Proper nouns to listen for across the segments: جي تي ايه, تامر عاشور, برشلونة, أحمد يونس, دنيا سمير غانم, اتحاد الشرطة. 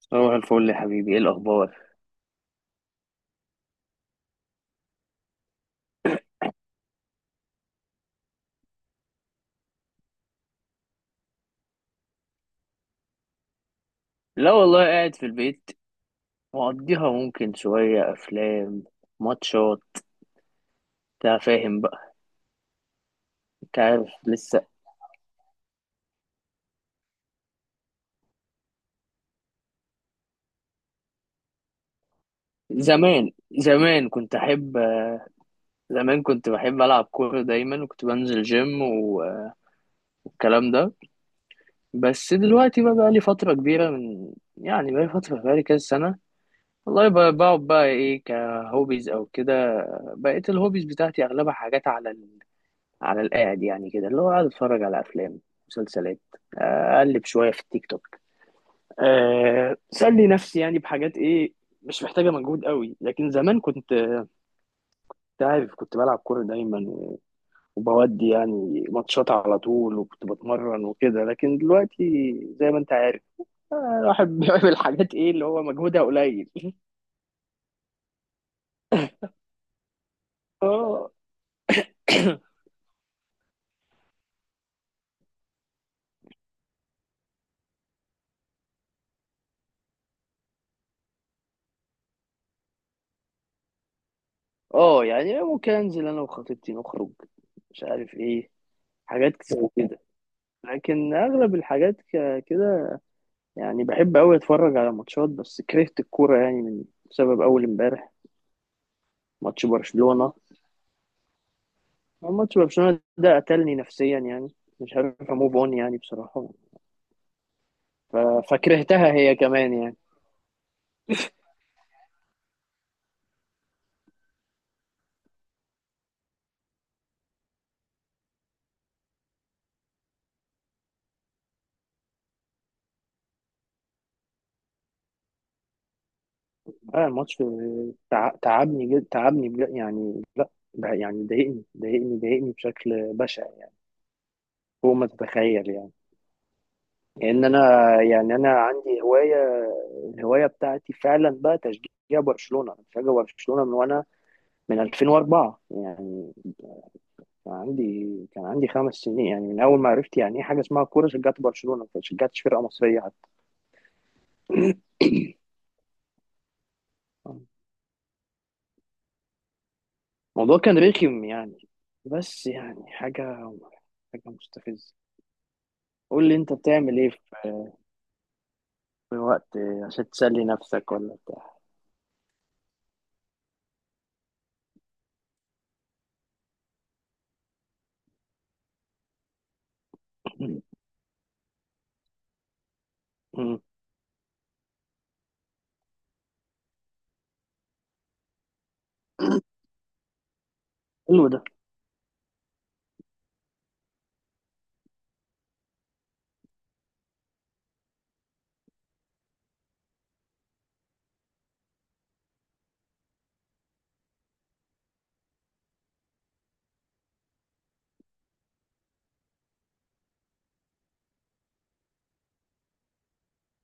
صباح الفل يا حبيبي، ايه الاخبار؟ لا والله قاعد في البيت مقضيها، ممكن شويه افلام، ماتشات، انت فاهم بقى. انت عارف لسه. زمان زمان كنت احب زمان كنت بحب العب كوره دايما، وكنت بنزل جيم والكلام ده. بس دلوقتي بقى لي فتره كبيره من يعني، بقى لي فتره، بقى لي كذا سنه. والله بقعد بقى ايه كهوبيز او كده. بقيت الهوبيز بتاعتي اغلبها حاجات على القاعد، يعني كده اللي هو قاعد اتفرج على افلام، مسلسلات، اقلب شويه في التيك توك، سلي نفسي يعني بحاجات ايه مش محتاجه مجهود قوي. لكن زمان كنت أنت عارف كنت بلعب كوره دايما وبودي يعني ماتشات على طول، وكنت بتمرن وكده. لكن دلوقتي زي ما انت عارف، الواحد بيعمل حاجات ايه اللي هو مجهودها قليل. اه. اه، يعني ممكن انزل انا وخطيبتي نخرج، مش عارف ايه، حاجات زي كده. لكن اغلب الحاجات كده، يعني بحب أوي أتفرج على ماتشات. بس كرهت الكورة يعني بسبب أول امبارح، ماتش برشلونة. هو ماتش برشلونة ده قتلني نفسيا يعني، مش عارف أموف أون يعني بصراحة. ف- فكرهتها هي كمان يعني. الماتش تعبني جد، تعبني بجد يعني. لا، ده يعني ضايقني ضايقني ضايقني بشكل بشع يعني، فوق ما تتخيل يعني. لأن أنا يعني أنا عندي هواية، الهواية بتاعتي فعلا بقى تشجيع برشلونة. أنا بشجع برشلونة وأنا من 2004 يعني. كان عندي كان عندي 5 سنين، يعني من اول ما عرفت يعني ايه حاجه اسمها كوره، شجعت برشلونه ما شجعتش فرقه مصريه حتى. الموضوع كان رخم يعني، بس يعني حاجه مستفزه. قول لي انت بتعمل ايه في في وقت عشان تسلي نفسك ولا بتاع. مم. حلو ده.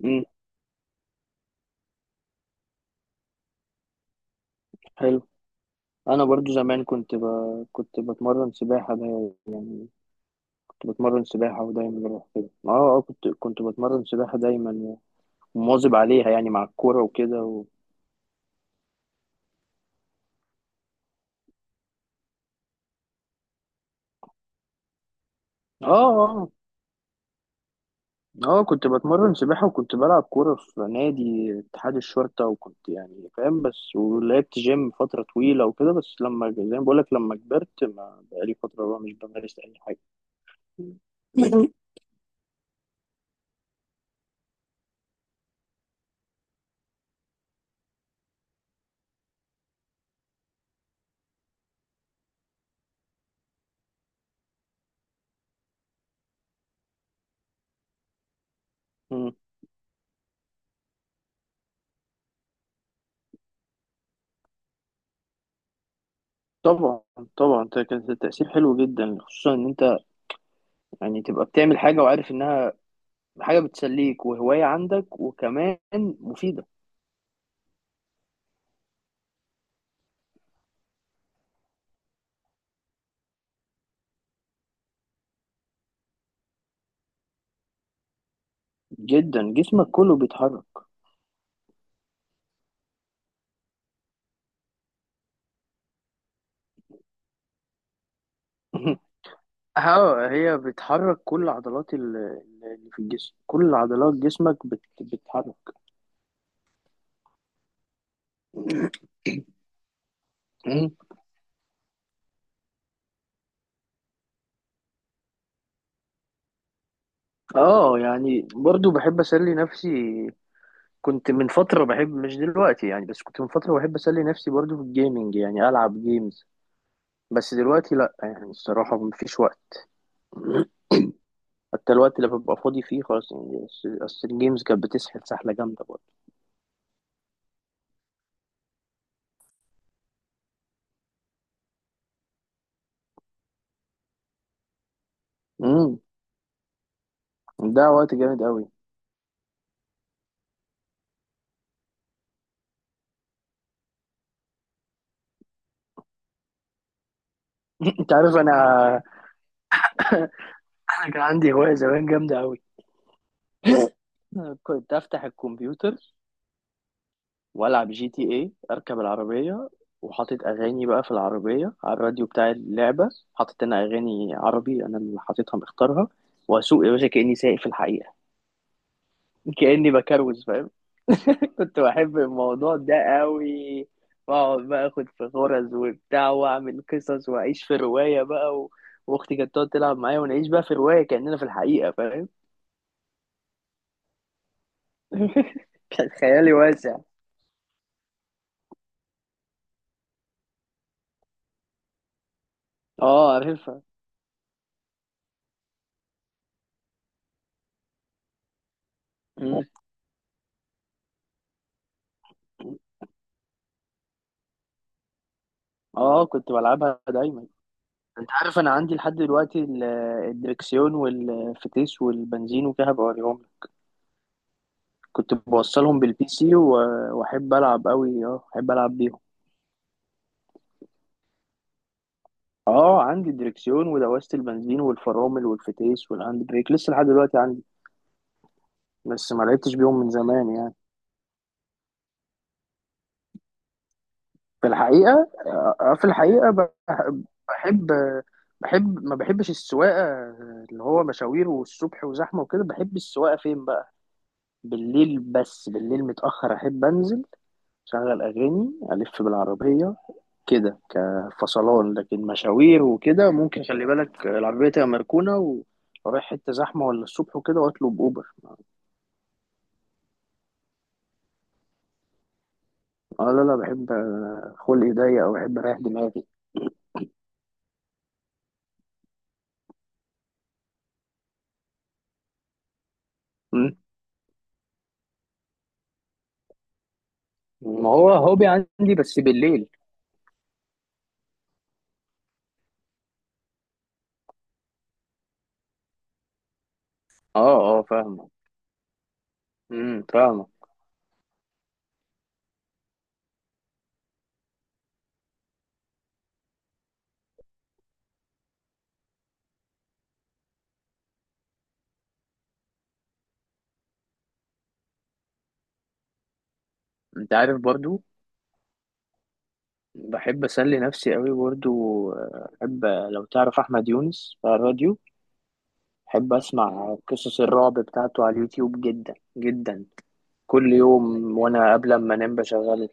مم. حلو. انا برضو زمان كنت بتمرن سباحه دايما، كنت بتمرن سباحه ودايما بروح كده. اه اه، كنت بتمرن سباحه دايما ومواظب عليها يعني، مع الكوره وكده. اه اه اه، كنت بتمرن سباحة وكنت بلعب كورة في نادي اتحاد الشرطة، وكنت يعني فاهم، بس ولعبت جيم فترة طويلة وكده. بس لما زي ما بقولك لما كبرت ما بقالي فترة بقى مش بمارس أي حاجة. مم. مم. طبعا، طبعا ده كان تأثير حلو جدا، خصوصا ان انت يعني تبقى بتعمل حاجة وعارف انها حاجة بتسليك وهواية عندك، وكمان مفيدة جدا، جسمك كله بيتحرك. اه، هي بتحرك كل عضلات اللي في الجسم، كل عضلات جسمك بتتحرك. مم. اه يعني برضو بحب اسلي نفسي. كنت من فتره بحب، مش دلوقتي يعني، بس كنت من فتره بحب اسلي نفسي برضو في الجيمنج، يعني العب جيمز. بس دلوقتي لا يعني الصراحه مفيش وقت. حتى الوقت اللي ببقى فاضي فيه خلاص يعني، أصل الجيمز كانت بتسحل سحله جامده برضه. امم ده وقت جامد قوي. انت عارف انا. انا كان عندي هوايه زمان جامده قوي. كنت افتح الكمبيوتر والعب GTA، اركب العربيه وحاطط اغاني بقى في العربيه على الراديو بتاع اللعبه، حاطط انا اغاني عربي، انا اللي حاططها مختارها، واسوق يا باشا كاني سايق في الحقيقه. كاني بكروز فاهم. كنت بحب الموضوع ده قوي، واقعد بقى اخد في غرز وبتاع واعمل قصص واعيش في روايه بقى واختي كانت تقعد تلعب معايا ونعيش بقى في روايه كاننا في الحقيقه فاهم. كان خيالي واسع. اه عارفها. اه كنت بلعبها دايما. انت عارف انا عندي لحد دلوقتي الدركسيون والفتيس والبنزين وكده، بوريهم لك. كنت بوصلهم بالبي سي، واحب العب قوي. اه احب العب بيهم. اه عندي الدركسيون ودواسة البنزين والفرامل والفتيس والهاند بريك لسه لحد دلوقتي عندي، بس ما لعبتش بيهم من زمان يعني. في الحقيقة، في الحقيقة بحب بحب ما بحبش السواقة اللي هو مشاوير والصبح وزحمة وكده. بحب السواقة فين بقى، بالليل. بس بالليل متأخر أحب أنزل أشغل أغاني ألف بالعربية كده كفصلان. لكن مشاوير وكده ممكن خلي بالك العربية تبقى مركونة، ورايح حتة زحمة ولا الصبح وكده، وأطلب أوبر. أه لا لا، بحب، خلقي ضيق أو بحب أريح دماغي. مم. ما هو هوبي عندي بس بالليل. أه أه فاهمة. فاهمة. أنت عارف برضو بحب أسلي نفسي قوي برضو، أحب لو تعرف أحمد يونس بتاع الراديو، بحب اسمع قصص الرعب بتاعته على اليوتيوب جدا جدا. كل يوم وانا قبل ما انام بشغله.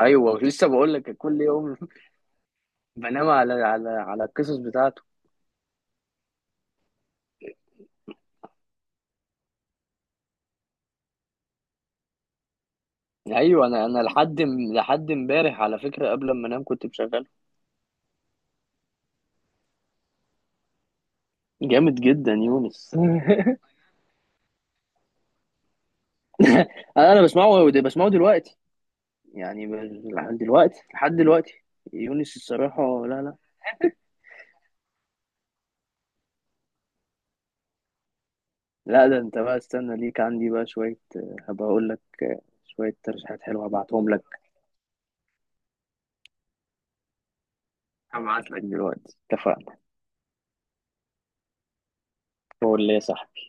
ايوه لسه بقول لك كل يوم. بنام على القصص بتاعته. ايوه، انا لحد امبارح على فكره قبل ما انام كنت بشغله. جامد جدا يونس. انا بسمعه دلوقتي، يعني دلوقتي لحد دلوقتي. يونس الصراحه، لا لا. لا ده انت بقى استنى ليك عندي بقى شويه، هبقى اقول لك شويه ترشيحات حلوه هبعتهم لك. هبعت لك دلوقتي، اتفقنا. هو اللي صح.